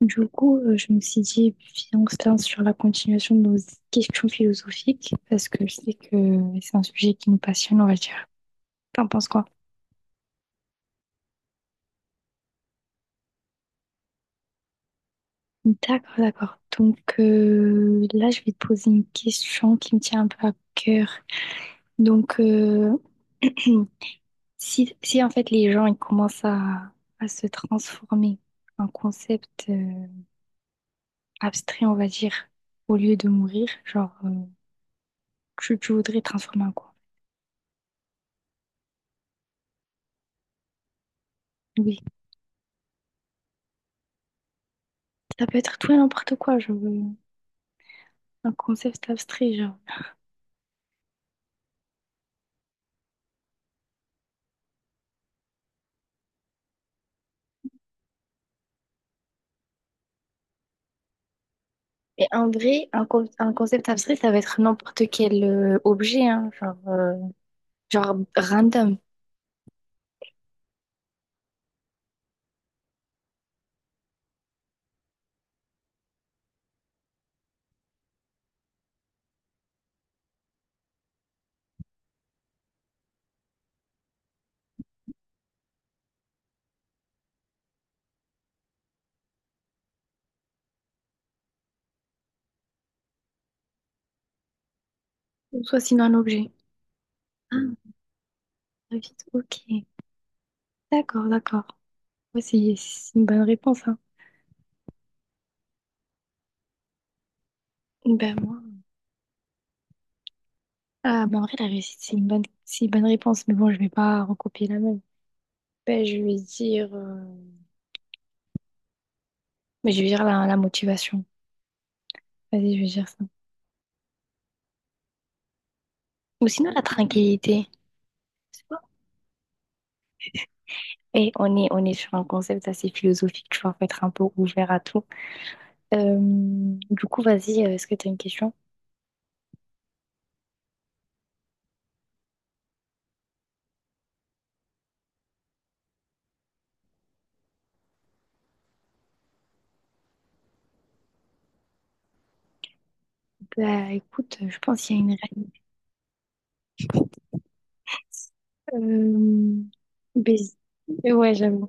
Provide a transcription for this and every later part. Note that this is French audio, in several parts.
Je me suis dit, viens, on se lance sur la continuation de nos questions philosophiques, parce que je sais que c'est un sujet qui nous passionne, on va dire. T'en penses quoi? D'accord, d'accord. Là, je vais te poser une question qui me tient un peu à cœur. Donc, euh, si en fait les gens ils commencent à se transformer en concept abstrait, on va dire, au lieu de mourir, genre, tu voudrais transformer en quoi? Oui, ça peut être tout et n'importe quoi, je veux. Un concept abstrait, genre. Et en vrai, un concept abstrait, ça va être n'importe quel objet, hein, genre, genre random. Ou soit sinon un objet. Ah, très vite, ok. D'accord, d'accord. Ouais, c'est une bonne réponse, hein. Ben moi. Ah, ben en vrai, la réussite, c'est une bonne réponse, mais bon, je vais pas recopier la même. Ben, je vais dire, mais je vais dire la motivation. Vas-y, je vais dire ça. Ou sinon la tranquillité. On est sur un concept assez philosophique, tu vois, faut être un peu ouvert à tout. Du coup, vas-y, est-ce que tu as une question? Bah, écoute, je pense qu'il y a une réalité. Ouais, j'avoue.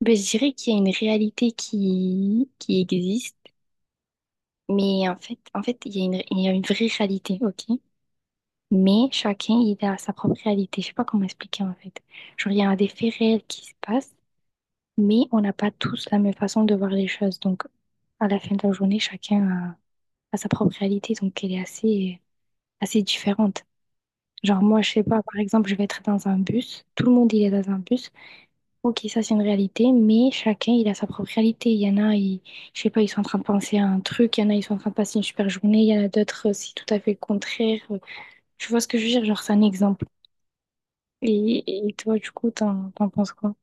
Ben, je dirais qu'il y a une réalité qui existe, mais en fait, il y a il y a une vraie réalité, ok? Mais chacun, il a sa propre réalité. Je sais pas comment expliquer, en fait. Genre, il y a des faits réels qui se passent, mais on n'a pas tous la même façon de voir les choses. Donc, à la fin de la journée, a sa propre réalité, donc elle est assez différente. Genre, moi, je sais pas, par exemple, je vais être dans un bus. Tout le monde, il est dans un bus. Ok, ça, c'est une réalité, mais chacun, il a sa propre réalité. Il y en a, ils, je sais pas, ils sont en train de penser à un truc. Il y en a, ils sont en train de passer une super journée. Il y en a d'autres, c'est tout à fait le contraire. Tu vois ce que je veux dire? Genre, c'est un exemple. Et, et toi, du coup, t'en penses quoi?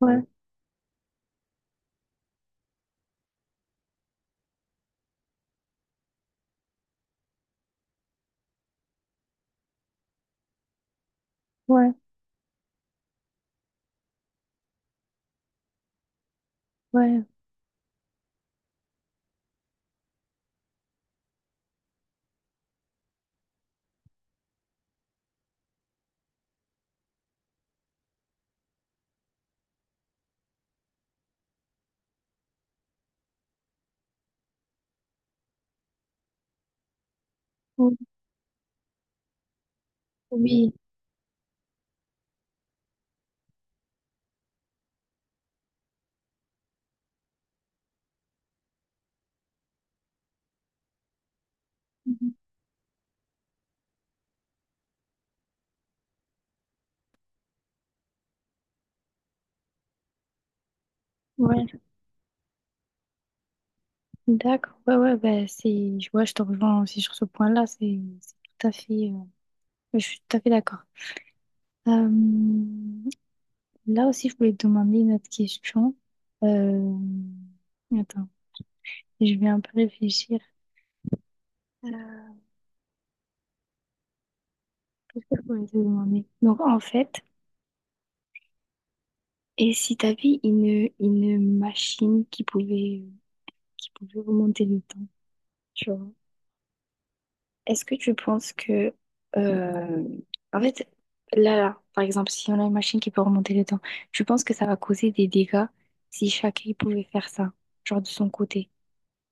Ouais, ouais, ouais. Oui, oui, mhm. Ouais, d'accord. Ouais, ouais, bah, c'est, je vois, je te rejoins aussi sur ce point-là. C'est tout à fait, je suis tout à fait d'accord. Euh, là aussi, je voulais te demander une autre question. Euh, Attends, je vais un peu réfléchir. Euh, Qu'est-ce que je voulais te demander? Donc, en fait, et si t'avais une machine qui pouvait remonter le temps, tu vois, est-ce que tu penses que... euh, en fait, là, par exemple, si on a une machine qui peut remonter le temps, tu penses que ça va causer des dégâts si chacun pouvait faire ça, genre de son côté?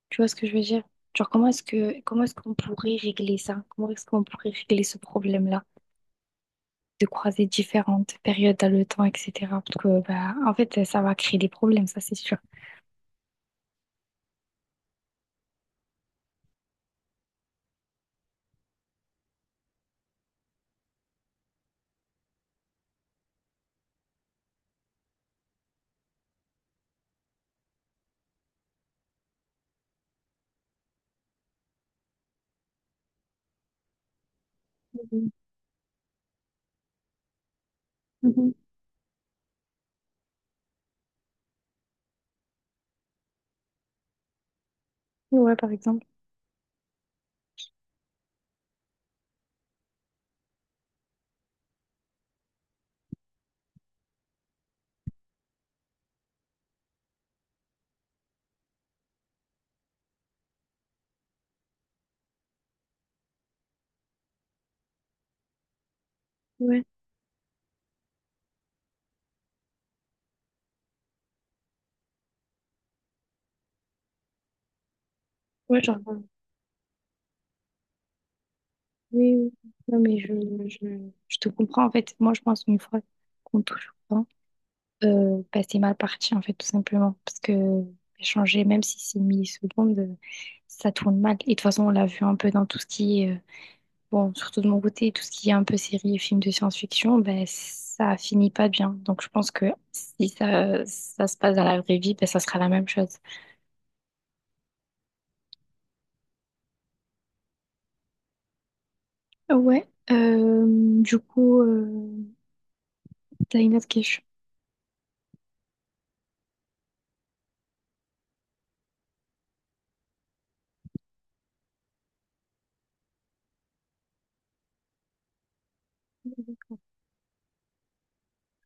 Tu vois ce que je veux dire? Genre, comment est-ce qu'on pourrait régler ça? Comment est-ce qu'on pourrait régler ce problème-là? De croiser différentes périodes dans le temps, etc. Parce que, bah, en fait, ça va créer des problèmes, ça, c'est sûr. Mhm. Mhm. Ouais, par exemple. Ouais, ouais, genre, comprends. Oui, oui. Non, mais je te comprends. En fait, moi, je pense qu'une fois qu'on touche au temps, bah, c'est mal parti, en fait, tout simplement. Parce que changer, même si c'est millisecondes, ça tourne mal. Et de toute façon, on l'a vu un peu dans tout ce qui est bon, surtout de mon côté, tout ce qui est un peu série et films de science-fiction, ben, ça finit pas bien. Donc, je pense que si ça se passe dans la vraie vie, ben, ça sera la même chose. Ouais, du coup, t'as une autre question.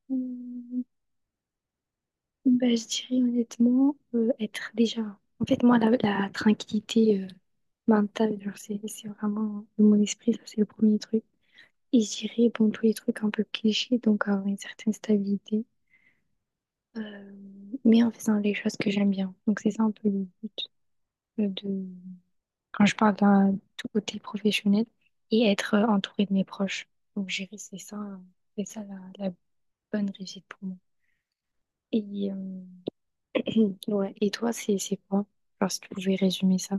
Ben, je dirais honnêtement, être déjà. En fait, moi, la tranquillité mentale, genre, c'est vraiment mon esprit, ça, c'est le premier truc. Et je dirais, bon, tous les trucs un peu clichés, donc avoir une certaine stabilité. Euh, mais en faisant les choses que j'aime bien. Donc c'est ça un peu le but de quand je parle d'un tout côté professionnel et être entourée de mes proches. Donc gérer, c'est ça la bonne réussite pour moi. Et ouais. Et toi, c'est quoi? Genre si tu pouvais résumer ça.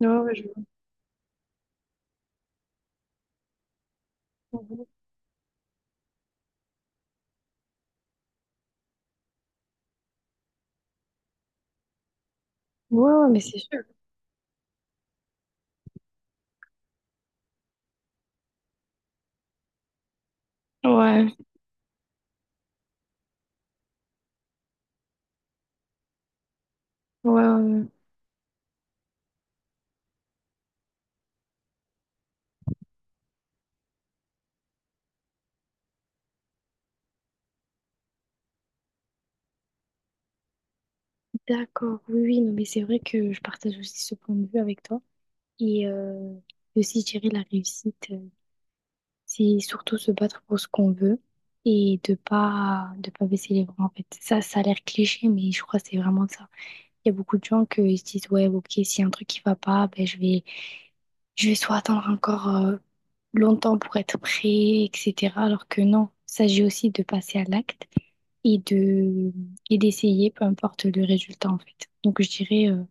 Ouais, ouais, je vois. Ouais, ouais, mais c'est sûr. Ouais, ouais, ouais, ouais. D'accord, oui, oui, non, mais c'est vrai que je partage aussi ce point de vue avec toi. Et aussi gérer la réussite. Euh, c'est surtout se battre pour ce qu'on veut et de pas baisser les bras en fait. Ça a l'air cliché, mais je crois que c'est vraiment ça. Il y a beaucoup de gens qui se disent ouais, ok, s'il y a un truc qui va pas, ben je vais soit attendre encore longtemps pour être prêt, etc. Alors que non, il s'agit aussi de passer à l'acte et de et d'essayer, peu importe le résultat en fait. Donc je dirais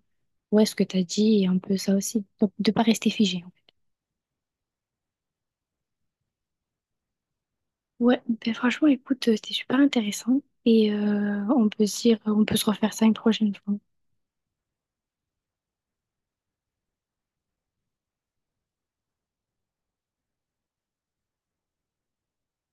ouais, ce que tu as dit est un peu ça aussi. Donc de pas rester figé. Ouais, ben franchement, écoute, c'était super intéressant et on peut se dire, on peut se refaire ça une prochaine fois.